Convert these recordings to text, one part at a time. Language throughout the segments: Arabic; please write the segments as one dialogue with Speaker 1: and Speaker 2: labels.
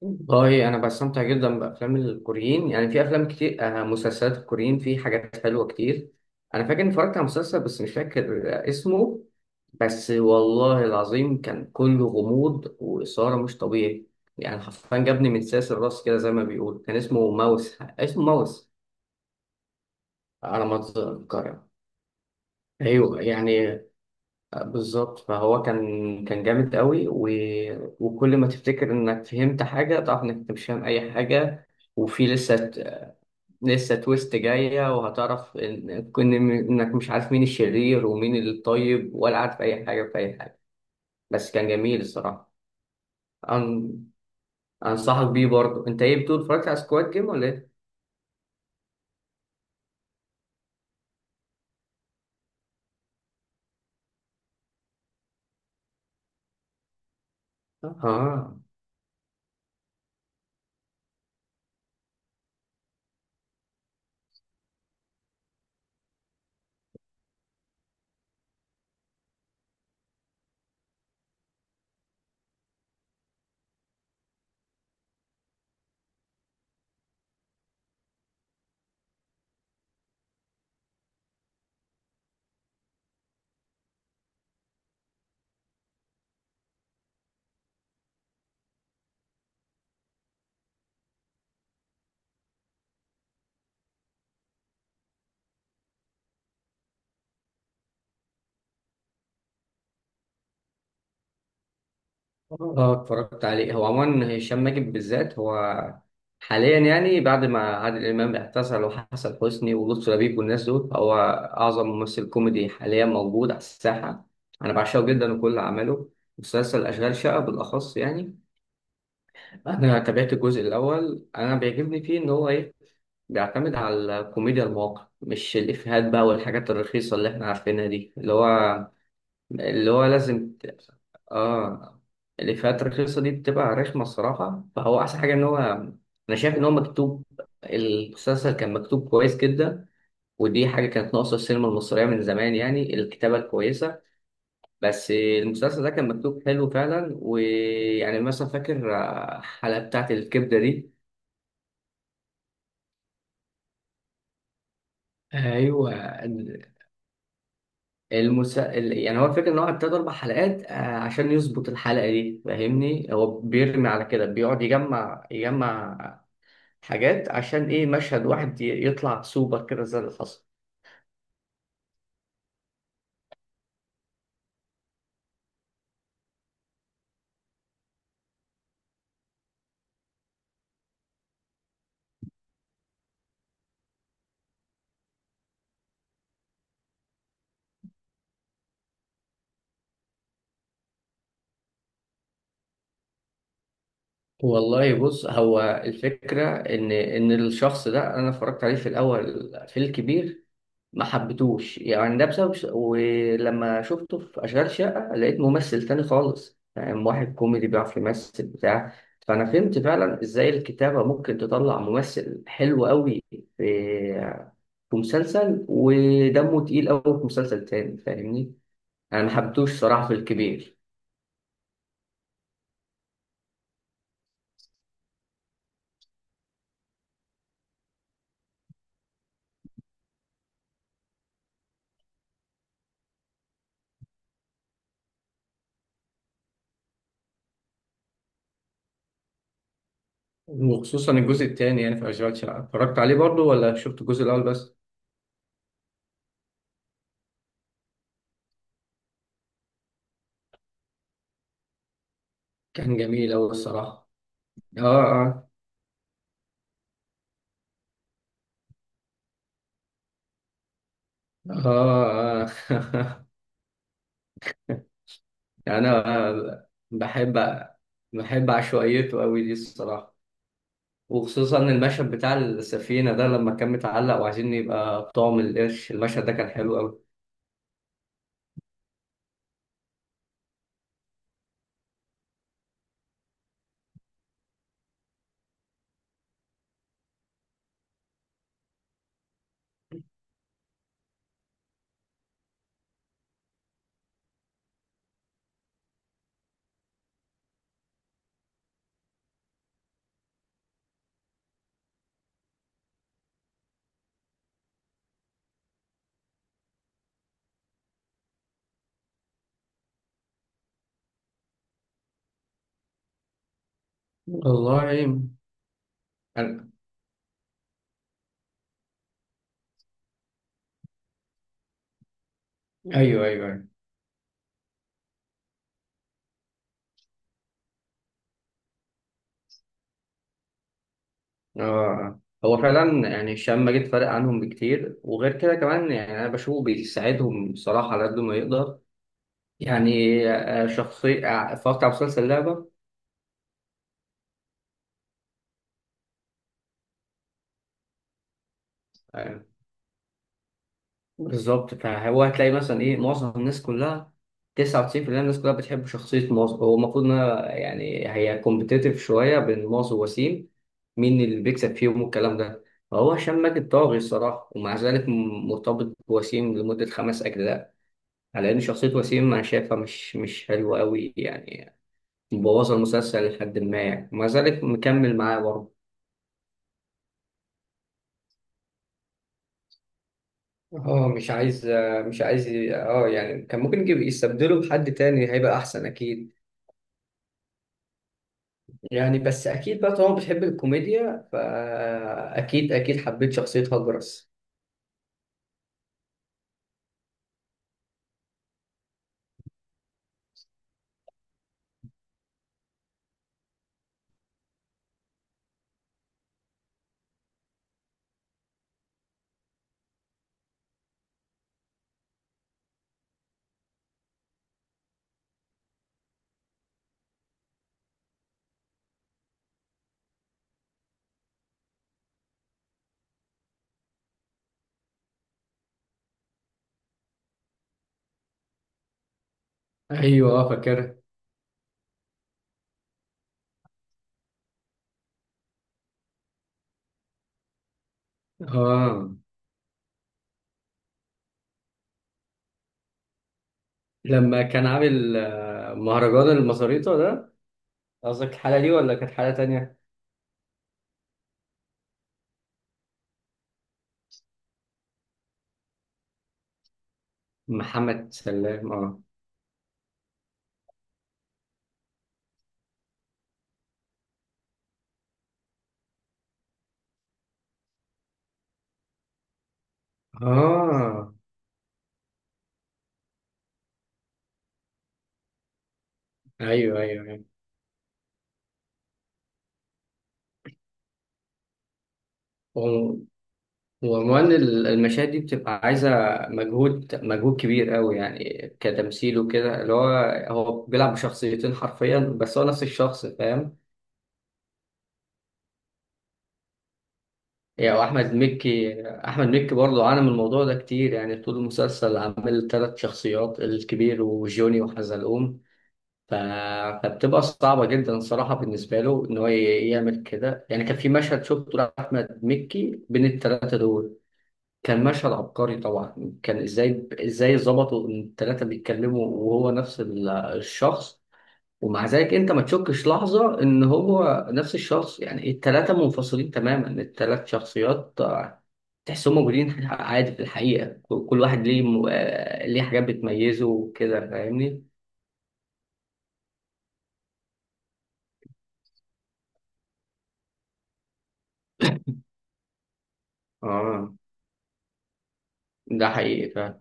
Speaker 1: والله انا بستمتع جدا بافلام الكوريين، يعني في افلام كتير. مسلسلات الكوريين في حاجات حلوه كتير. انا فاكر اني اتفرجت على مسلسل بس مش فاكر اسمه. بس والله العظيم كان كله غموض واثاره مش طبيعي، يعني حرفيا جابني من ساس الراس كده، زي ما بيقول كان اسمه ماوس، اسمه ماوس على ما اتذكر. ايوه يعني. بالظبط، فهو كان جامد قوي. وكل ما تفتكر انك فهمت حاجه تعرف انك أنت مش فاهم اي حاجه. وفي لسه تويست جاية، وهتعرف إن كن إنك مش عارف مين الشرير ومين الطيب، ولا عارف أي حاجة في أي حاجة. بس كان جميل الصراحة. أن... أنصحك بيه برضه. أنت إيه بتقول، اتفرجت على سكواد جيم ولا إيه؟ آه، آه، اتفرجت عليه. هو عموما هشام ماجد بالذات، هو حاليا يعني بعد ما عادل إمام اعتزل وحسن حسني ولطفي لبيب والناس دول، هو أعظم ممثل كوميدي حاليا موجود على الساحة. أنا بعشقه جدا وكل أعماله. مسلسل أشغال شقة بالأخص يعني. انا تابعت الجزء الاول. انا بيعجبني فيه ان هو ايه، بيعتمد على الكوميديا المواقع، مش الافيهات بقى والحاجات الرخيصه اللي احنا عارفينها دي. اللي هو لازم ت... اه الافيهات الرخيصه دي بتبقى رخمه الصراحه، فهو احسن حاجه ان هو انا شايف ان هو مكتوب. المسلسل كان مكتوب كويس جدا، ودي حاجه كانت ناقصه السينما المصريه من زمان، يعني الكتابه الكويسه. بس المسلسل ده كان مكتوب حلو فعلا، ويعني مثلا فاكر الحلقه بتاعت الكبده دي. ايوه. ال- يعني هو الفكره ان هو ابتدى 4 حلقات عشان يظبط الحلقه دي، فاهمني؟ هو بيرمي على كده، بيقعد يجمع حاجات عشان ايه، مشهد واحد يطلع سوبر كده، زي اللي حصل. والله بص، هو الفكره ان الشخص ده انا اتفرجت عليه في الاول في الكبير، ما حبيتوش يعني، ده بسبب. ولما شفته في أشغال شقة لقيت ممثل تاني خالص، يعني واحد كوميدي بيعرف يمثل بتاع. فأنا فهمت فعلا إزاي الكتابة ممكن تطلع ممثل حلو قوي في في مسلسل، ودمه تقيل قوي في مسلسل تاني، فاهمني؟ أنا ما حبيتوش صراحة في الكبير. وخصوصا الجزء الثاني، يعني في أشغال شقة اتفرجت عليه برضو ولا شفت الجزء الأول بس؟ كان جميل قوي الصراحة. آه، آه. آه، آه. يعني أنا بحب، بحب عشوائيته أوي دي الصراحة. وخصوصا المشهد بتاع السفينة ده، لما كان متعلق وعايزين يبقى طعم القرش، المشهد ده كان حلو أوي. والله أنا... أيوه، أيوه، أيوه. آه. هو فعلا يعني، الشام ماجد فارق عنهم بكتير. وغير كده كمان، يعني أنا بشوفه بيساعدهم بصراحة على قد ما يقدر. يعني شخصية، اتفرجت على مسلسل لعبة. آه، بالظبط، فهو هتلاقي مثلا ايه، معظم الناس كلها، 99% الناس كلها بتحب شخصية موز. هو المفروض انها، يعني هي كومبتيتيف شوية بين موز ووسيم، مين اللي بيكسب فيهم والكلام ده. فهو هشام ماجد طاغي الصراحة، ومع ذلك مرتبط بوسيم لمدة 5 أجزاء، على إن شخصية وسيم أنا شايفها مش حلوة أوي يعني، مبوظة المسلسل لحد ما يعني، ومع ذلك مكمل معاه برضه. مش عايز يعني، كان ممكن يجيب يستبدله بحد تاني هيبقى احسن اكيد. يعني بس اكيد بقى طالما بتحب الكوميديا، فاكيد اكيد حبيت شخصية هجرس. ايوه، اه، فاكرها. اه، لما كان عامل مهرجان المصاريطه ده، قصدك الحلقه دي ولا كانت حلقه تانية؟ محمد سلام، اه. اه. ايوه، ايوه، ايوه. و- وعنوان المشاهد دي بتبقى عايزه مجهود، مجهود كبير قوي يعني، كتمثيل وكده. اللي هو، هو بيلعب بشخصيتين حرفيا، بس هو نفس الشخص، فاهم؟ يعني احمد مكي برضه عانى من الموضوع ده كتير. يعني طول المسلسل عامل 3 شخصيات، الكبير وجوني وحزلقوم. ف... فبتبقى صعبه جدا الصراحه بالنسبه له ان هو يعمل كده. يعني كان في مشهد شفته لاحمد مكي بين الثلاثه دول، كان مشهد عبقري طبعا. كان ازاي ظبطوا ان الثلاثه بيتكلموا وهو نفس الشخص. ومع ذلك انت ما تشكش لحظة ان هو نفس الشخص، يعني التلاتة منفصلين تماما، التلات شخصيات تحسهم موجودين عادي في الحقيقة. كل واحد ليه م... آه، ليه حاجات بتميزه وكده، فاهمني؟ اه، ده حقيقي فعلا.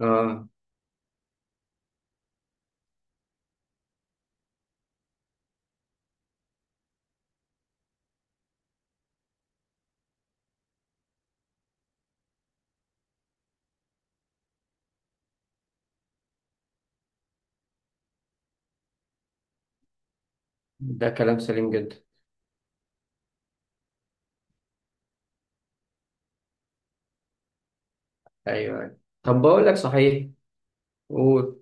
Speaker 1: اه، ده كلام سليم جدا. ايوه، أيوة. طب بقول لك صحيح. قول.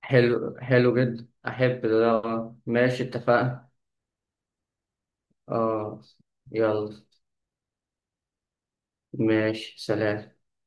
Speaker 1: حلو، حلو جدا، احب ده. آه. ماشي، اتفقنا. اه. يلا، ماشي، سلام.